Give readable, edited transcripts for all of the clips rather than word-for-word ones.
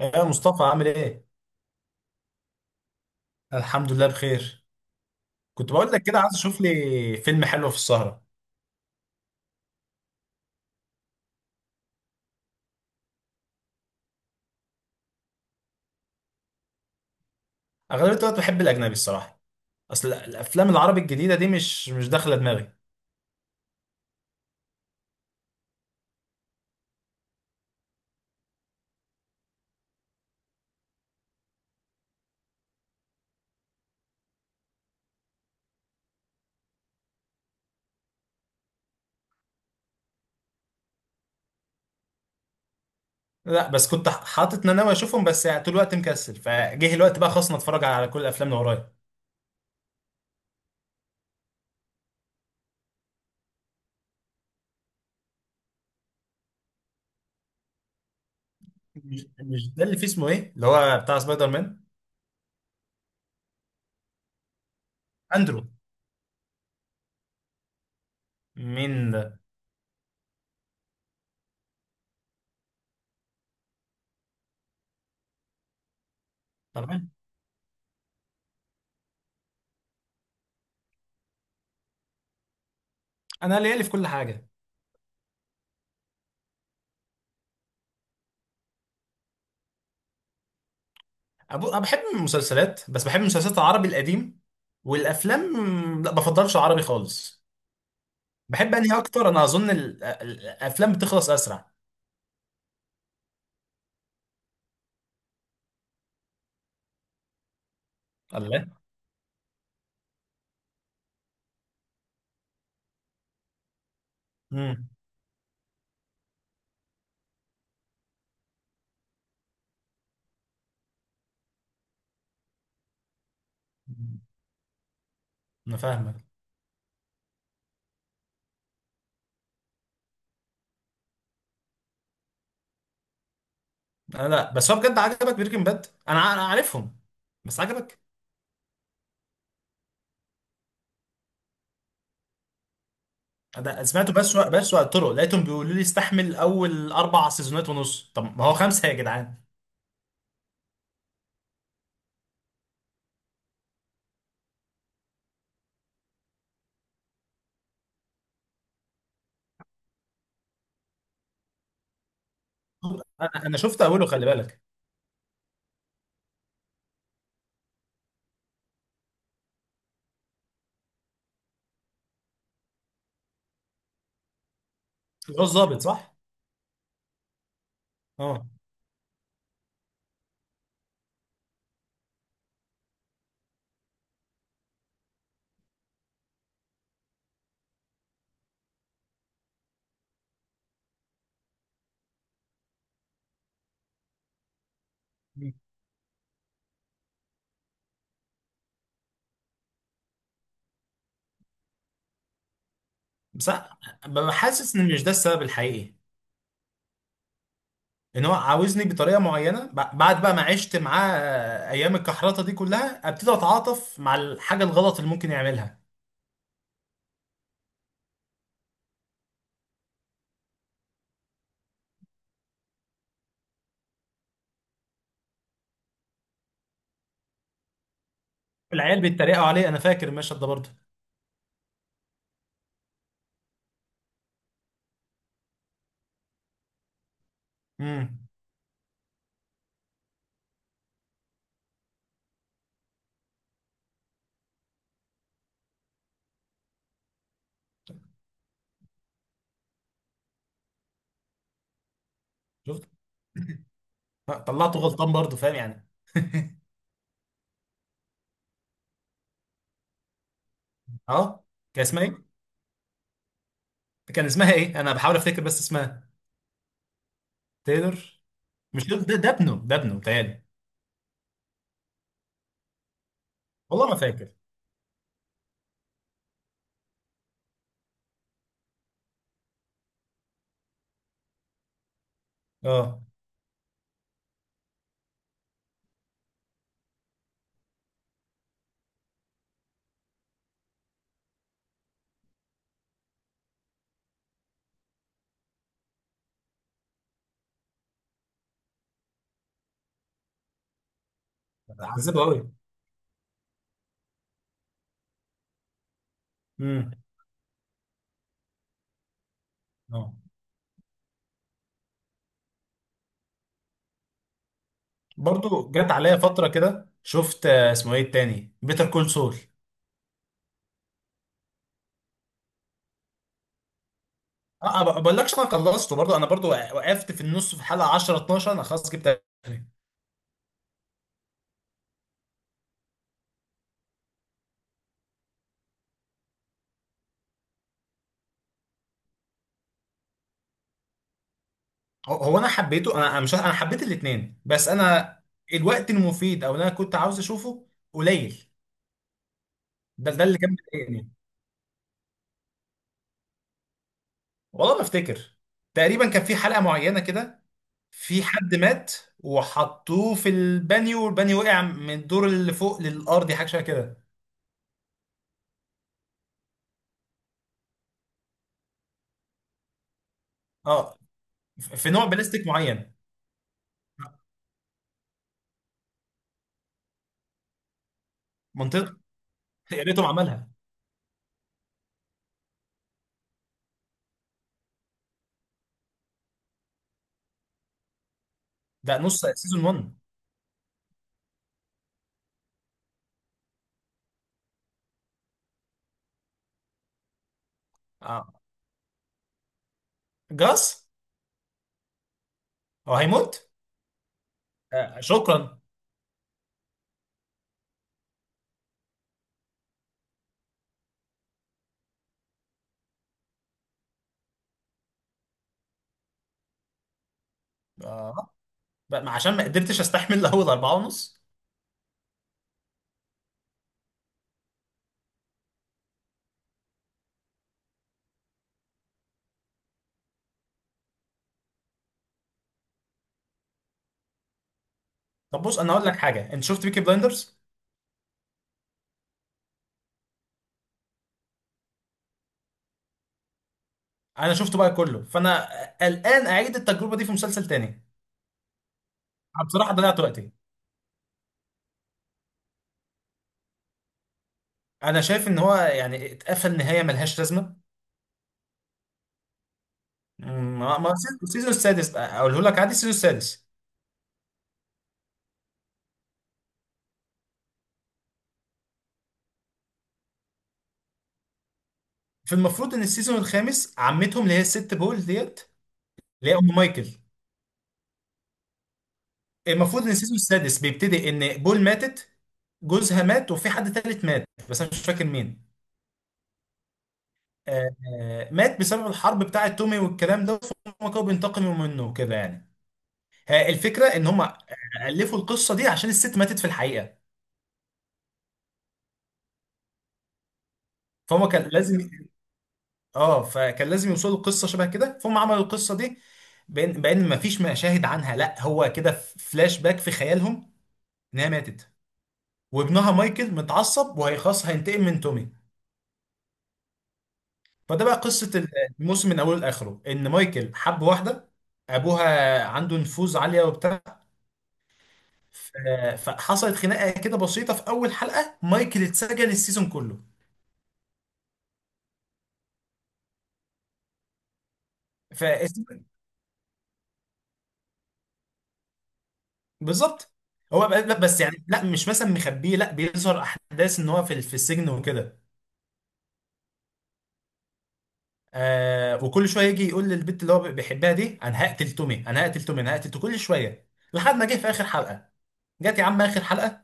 يا مصطفى عامل ايه؟ الحمد لله بخير. كنت بقول لك كده عايز اشوف لي فيلم حلو في السهرة. اغلبية الوقت بحب الاجنبي الصراحة. اصل الافلام العربي الجديدة دي مش داخلة دماغي. لا بس كنت حاطط إن انا ناوي اشوفهم، بس يعني طول الوقت مكسل، فجه الوقت بقى خلاص أنا اتفرج على كل الافلام اللي ورايا. مش ده اللي فيه اسمه ايه؟ اللي هو بتاع سبايدر مان. اندرو. مين ده؟ طبعا. انا ليالي في كل حاجة. انا بحب المسلسلات، بس بحب المسلسلات العربي القديم والافلام. لا بفضلش العربي خالص. بحب انهي اكتر؟ انا اظن الافلام بتخلص اسرع. الله. امم. انا فاهمك. انا لا، بس هو بجد عجبك بريكنج باد؟ انا عارفهم. بس عجبك؟ انا سمعته، بس وقت طرق لقيتهم بيقولوا لي استحمل اول 4 سيزونات ونص، طب ما هو 5 يا جدعان. انا شفت اوله خلي بالك. هو الظابط صح. اه. بس أنا- ببقى حاسس ان مش ده السبب الحقيقي. ان هو عاوزني بطريقه معينه، بعد بقى ما عشت معاه ايام الكحرطه دي كلها ابتدي اتعاطف مع الحاجه الغلط اللي ممكن يعملها. العيال بيتريقوا عليه، انا فاكر المشهد ده برضه. امم. شفت. طلعته غلطان برضه فاهم يعني. اه. كان اسمها ايه؟ كان اسمها ايه، انا بحاول افتكر بس اسمها. تايلور. مش تايلور، ده ابنه، ده ابنه بتهيألي. والله ما فاكر. اه. عذبه قوي. امم. اه. برضه جت عليا فتره كده، شفت اسمه ايه التاني، بيتر كول سول. اه ما بقولكش، انا خلصته برضو، انا برضو وقفت في النص في حلقه 10 12، انا خلاص جبت اخري. هو انا حبيته، انا مش انا حبيت الاثنين، بس انا الوقت المفيد او اللي انا كنت عاوز اشوفه قليل. ده اللي كان مضايقني. والله ما افتكر. تقريبا كان في حلقه معينه كده، في حد مات وحطوه في البانيو والبانيو وقع من الدور اللي فوق للارض، حاجه شبه كده. اه. في نوع بلاستيك معين. منطقه. يا ريتهم عملها. ده نص سيزون 1. اه. جاس. هو هيموت. آه، شكرا. آه، عشان ما قدرتش استحمل اول 4 ونص. طب بص، انا هقول لك حاجه، انت شفت بيكي بلايندرز؟ انا شفته بقى كله، فانا الان اعيد التجربه دي في مسلسل تاني. أنا بصراحه ضيعت وقتي. انا شايف ان هو يعني اتقفل نهايه ملهاش لازمه. مم، ما ما- السيزون السادس بقى اقوله لك عادي، السيزون السادس. في المفروض ان السيزون الخامس عمتهم اللي هي الست بول ديت اللي هي ام مايكل. المفروض ان السيزون السادس بيبتدي ان بول ماتت، جوزها مات، وفي حد تالت مات بس انا مش فاكر مين. مات بسبب الحرب بتاعة تومي والكلام ده، فهم كانوا بينتقموا منه وكده يعني. الفكرة ان هم ألفوا القصة دي عشان الست ماتت في الحقيقة، فهم كان لازم. اه، فكان لازم يوصلوا القصة شبه كده، فهم عملوا القصة دي بان مفيش مشاهد عنها، لا هو كده فلاش باك في خيالهم ان هي ماتت. وابنها مايكل متعصب وهيخاص هينتقم من تومي. فده بقى قصة. الموسم من اوله لاخره ان مايكل حب واحدة، ابوها عنده نفوذ عالية وبتاع. ف- فحصلت خناقه كده بسيطه في اول حلقه مايكل اتسجن السيزون كله. ف بالظبط. لا بس يعني لا مش مثلا مخبيه، لا بيظهر احداث ان هو في السجن وكده. آه وكل شويه يجي يقول للبنت اللي هو بيحبها دي، انا هقتل تومي انا هقتل تومي انا هقتل تومي كل شويه، لحد ما جه في اخر حلقه. جت يا عم اخر حلقه،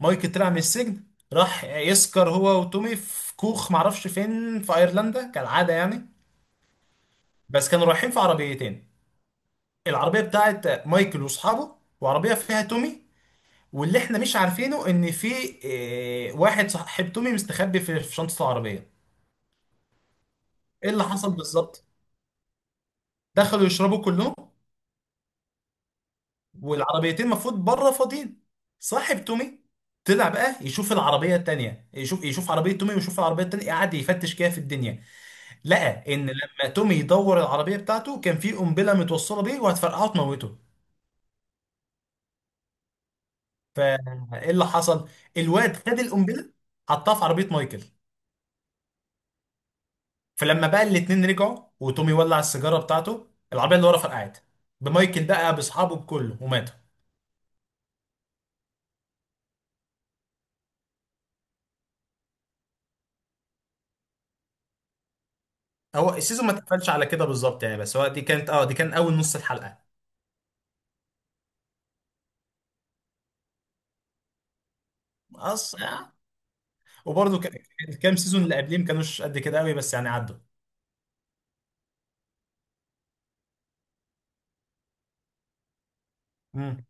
مايكل طلع من السجن، راح يسكر هو وتومي في كوخ معرفش فين في ايرلندا كالعاده يعني. بس كانوا رايحين في عربيتين، العربية بتاعت مايكل واصحابه، وعربية فيها تومي. واللي احنا مش عارفينه ان في واحد صاحب تومي مستخبي في شنطة العربية. ايه اللي حصل بالظبط؟ دخلوا يشربوا كلهم والعربيتين المفروض بره فاضيين. صاحب تومي طلع بقى يشوف العربية التانية، يشوف عربية تومي ويشوف العربية التانية، قعد يفتش كده في الدنيا، لقى ان لما تومي يدور العربية بتاعته كان في قنبلة متوصلة بيه وهتفرقعه وتموته. فايه اللي حصل؟ الواد خد القنبلة حطها في عربية مايكل. فلما بقى الاتنين رجعوا وتومي ولع السيجاره بتاعته، العربيه اللي ورا فرقعت بمايكل بقى باصحابه بكله وماتوا. هو السيزون ما اتقفلش على كده بالظبط يعني، بس هو دي كانت دي كان اول نص الحلقه. أص... آه. وبرضه الكام سيزون اللي قبليه ما كانوش قد كده قوي، بس يعني عدوا. امم.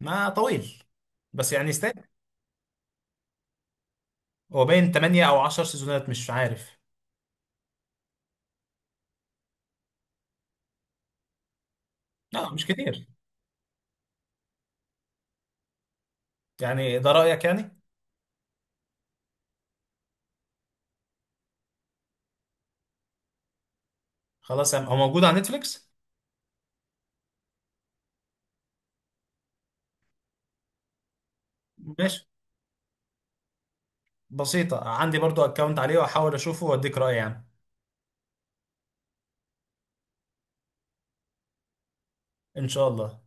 ما طويل، بس يعني يستاهل. هو باين 8 او 10 سيزونات مش عارف. لا مش كتير. يعني ده رايك يعني؟ خلاص يعني. هو موجود على نتفليكس؟ ماشي. بسيطه، عندي برضو اكونت عليه واحاول اشوفه واديك رايي يعني. ان شاء الله.